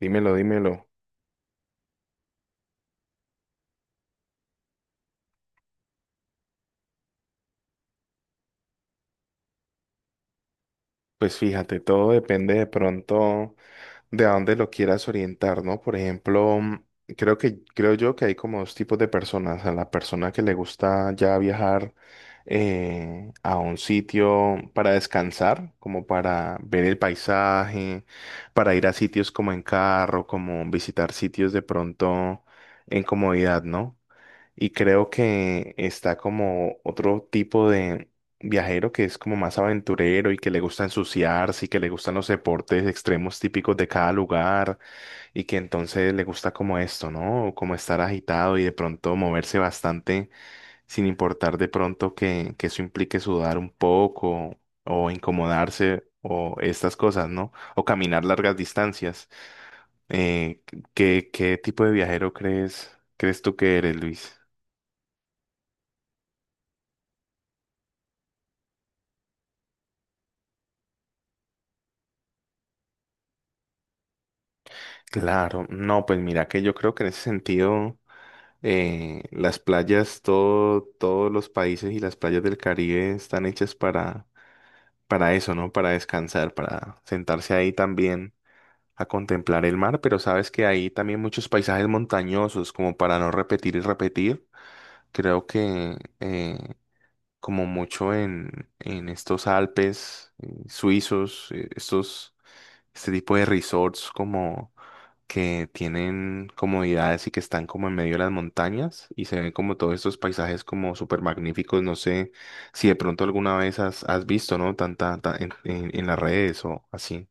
Dímelo, dímelo. Pues fíjate, todo depende de pronto de a dónde lo quieras orientar, ¿no? Por ejemplo, creo que, creo yo que hay como dos tipos de personas. A la persona que le gusta ya viajar a un sitio para descansar, como para ver el paisaje, para ir a sitios como en carro, como visitar sitios de pronto en comodidad, ¿no? Y creo que está como otro tipo de viajero que es como más aventurero y que le gusta ensuciarse y que le gustan los deportes extremos típicos de cada lugar y que entonces le gusta como esto, ¿no? Como estar agitado y de pronto moverse bastante sin importar de pronto que eso implique sudar un poco o incomodarse o estas cosas, ¿no? O caminar largas distancias. Eh, ¿qué tipo de viajero crees tú que eres, Luis? Claro, no, pues mira que yo creo que en ese sentido las playas, todo, todos los países y las playas del Caribe están hechas para eso, ¿no? Para descansar, para sentarse ahí también a contemplar el mar, pero sabes que hay también muchos paisajes montañosos como para no repetir y repetir. Creo que como mucho en estos Alpes suizos, este tipo de resorts como que tienen comodidades y que están como en medio de las montañas y se ven como todos estos paisajes como súper magníficos. No sé si de pronto alguna vez has visto, ¿no? En las redes o así.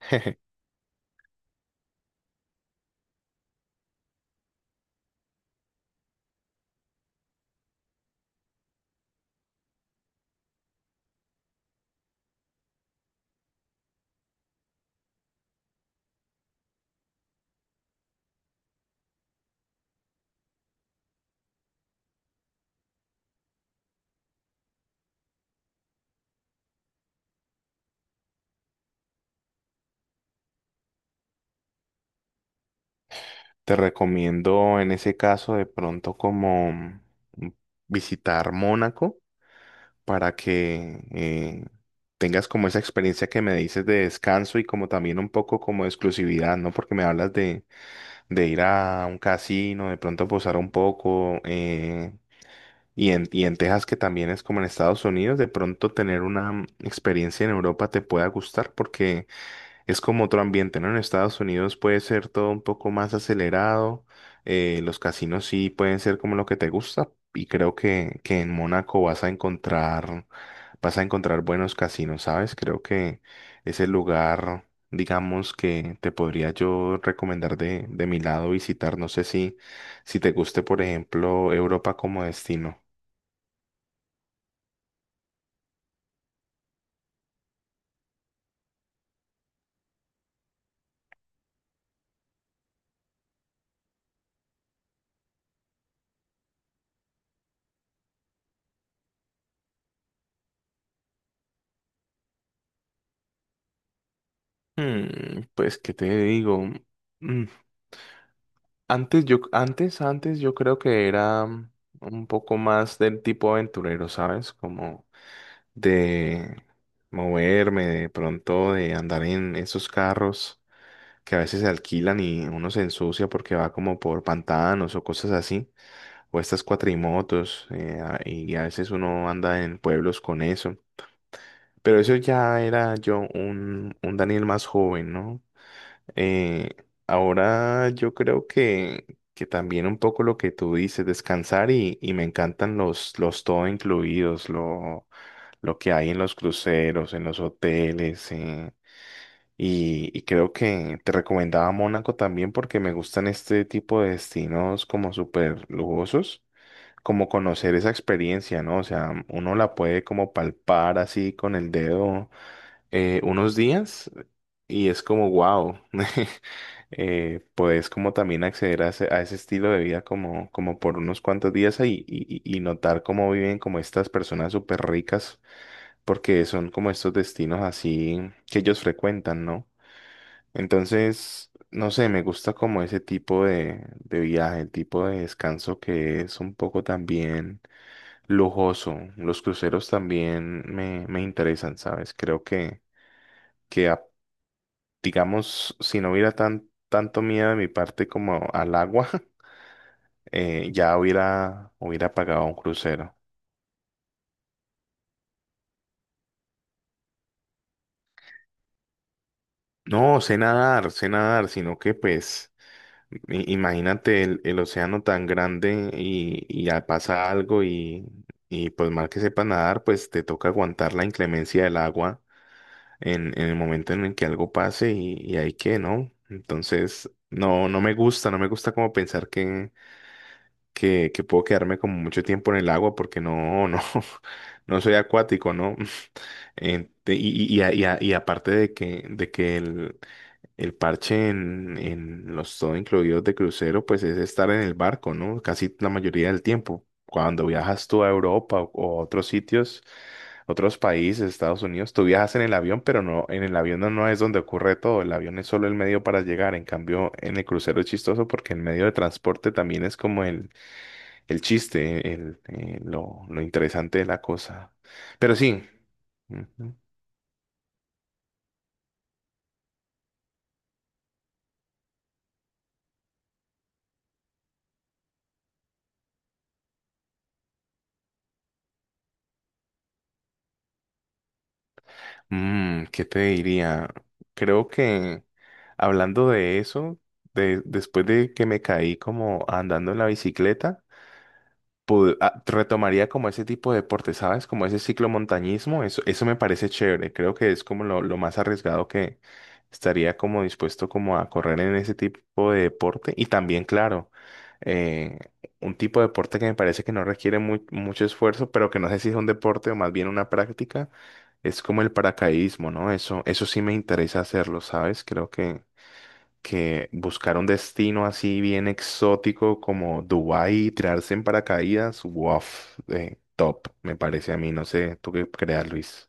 Te recomiendo en ese caso de pronto como visitar Mónaco para que tengas como esa experiencia que me dices de descanso y como también un poco como de exclusividad, ¿no? Porque me hablas de ir a un casino, de pronto posar un poco, y en Texas, que también es como en Estados Unidos, de pronto tener una experiencia en Europa te pueda gustar porque es como otro ambiente, ¿no? En Estados Unidos puede ser todo un poco más acelerado, los casinos sí pueden ser como lo que te gusta y creo que en Mónaco vas a encontrar buenos casinos, ¿sabes? Creo que es el lugar, digamos, que te podría yo recomendar de mi lado visitar. No sé si, si te guste, por ejemplo, Europa como destino. Hmm, pues, ¿qué te digo? Mm, Antes yo creo que era un poco más del tipo aventurero, ¿sabes? Como de moverme, de pronto de andar en esos carros que a veces se alquilan y uno se ensucia porque va como por pantanos o cosas así, o estas cuatrimotos, y a veces uno anda en pueblos con eso. Pero eso ya era yo un Daniel más joven, ¿no? Eh, ahora yo creo que también un poco lo que tú dices, descansar y me encantan los todo incluidos, lo que hay en los cruceros, en los hoteles. Y creo que te recomendaba Mónaco también porque me gustan este tipo de destinos como súper lujosos, como conocer esa experiencia, ¿no? O sea, uno la puede como palpar así con el dedo unos días y es como wow. Puedes como también acceder a a ese estilo de vida como, como por unos cuantos días ahí y notar cómo viven como estas personas súper ricas, porque son como estos destinos así que ellos frecuentan, ¿no? Entonces, no sé, me gusta como ese tipo de viaje, el tipo de descanso que es un poco también lujoso. Los cruceros también me interesan, ¿sabes? Creo que digamos, si no hubiera tanto miedo de mi parte como al agua, ya hubiera pagado un crucero. No, sé nadar, sino que pues, imagínate el océano tan grande y ya pasa algo y pues mal que sepa nadar, pues te toca aguantar la inclemencia del agua en el momento en el que algo pase y hay que, ¿no? Entonces, no, no me gusta, no me gusta como pensar que, que puedo quedarme como mucho tiempo en el agua porque no, no, no soy acuático, ¿no? En- te- y, y aparte de que el parche en los todo incluidos de crucero, pues es estar en el barco, ¿no? Casi la mayoría del tiempo. Cuando viajas tú a Europa o a otros sitios, otros países, Estados Unidos, tú viajas en el avión, pero no, en el avión no, no es donde ocurre todo. El avión es solo el medio para llegar. En cambio, en el crucero es chistoso porque el medio de transporte también es como el chiste, lo interesante de la cosa. Pero sí. Mm, ¿qué te diría? Creo que hablando de eso, de, después de que me caí como andando en la bicicleta, retomaría como ese tipo de deporte, ¿sabes? Como ese ciclomontañismo, eso me parece chévere, creo que es como lo más arriesgado que estaría como dispuesto como a correr en ese tipo de deporte y también, claro, eh, un tipo de deporte que me parece que no requiere mucho esfuerzo, pero que no sé si es un deporte o más bien una práctica, es como el paracaidismo, ¿no? Eso sí me interesa hacerlo, ¿sabes? Creo que buscar un destino así bien exótico como Dubái y tirarse en paracaídas, wow, top, me parece a mí, no sé, ¿tú qué creas, Luis?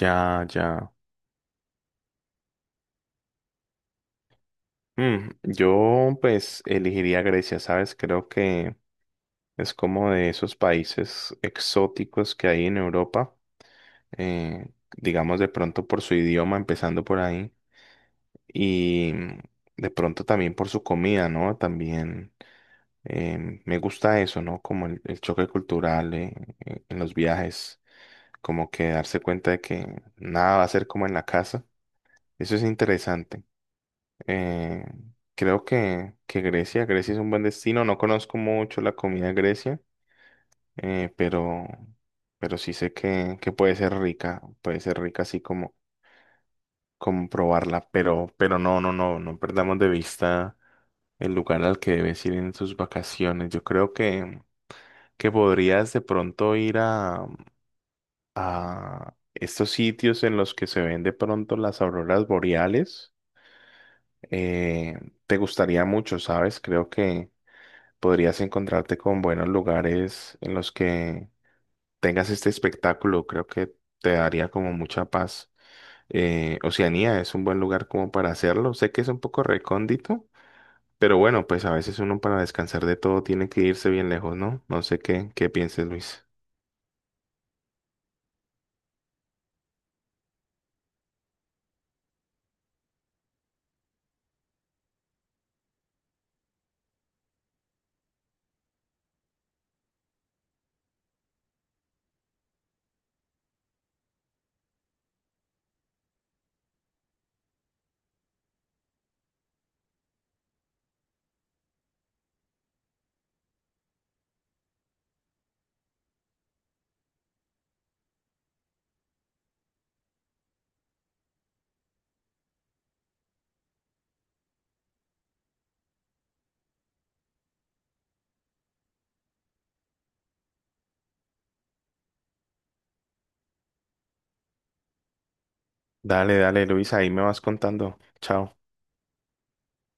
Ya, ya. Mm, yo pues elegiría Grecia, ¿sabes? Creo que es como de esos países exóticos que hay en Europa, eh, digamos de pronto por su idioma, empezando por ahí, y de pronto también por su comida, ¿no? También. Me gusta eso, ¿no? Como el choque cultural en los viajes, como que darse cuenta de que nada va a ser como en la casa. Eso es interesante. Eh, creo que Grecia es un buen destino. No conozco mucho la comida de Grecia, eh, pero, pero sí sé que puede ser rica así como, como probarla, pero no, no, no, no perdamos de vista el lugar al que debes ir en tus vacaciones. Yo creo que podrías de pronto ir a estos sitios en los que se ven de pronto las auroras boreales. Eh, te gustaría mucho, ¿sabes? Creo que podrías encontrarte con buenos lugares en los que tengas este espectáculo. Creo que te daría como mucha paz. Oceanía es un buen lugar como para hacerlo. Sé que es un poco recóndito, pero bueno, pues a veces uno para descansar de todo tiene que irse bien lejos, ¿no? No sé qué pienses, Luis. Dale, dale, Luis, ahí me vas contando. Chao.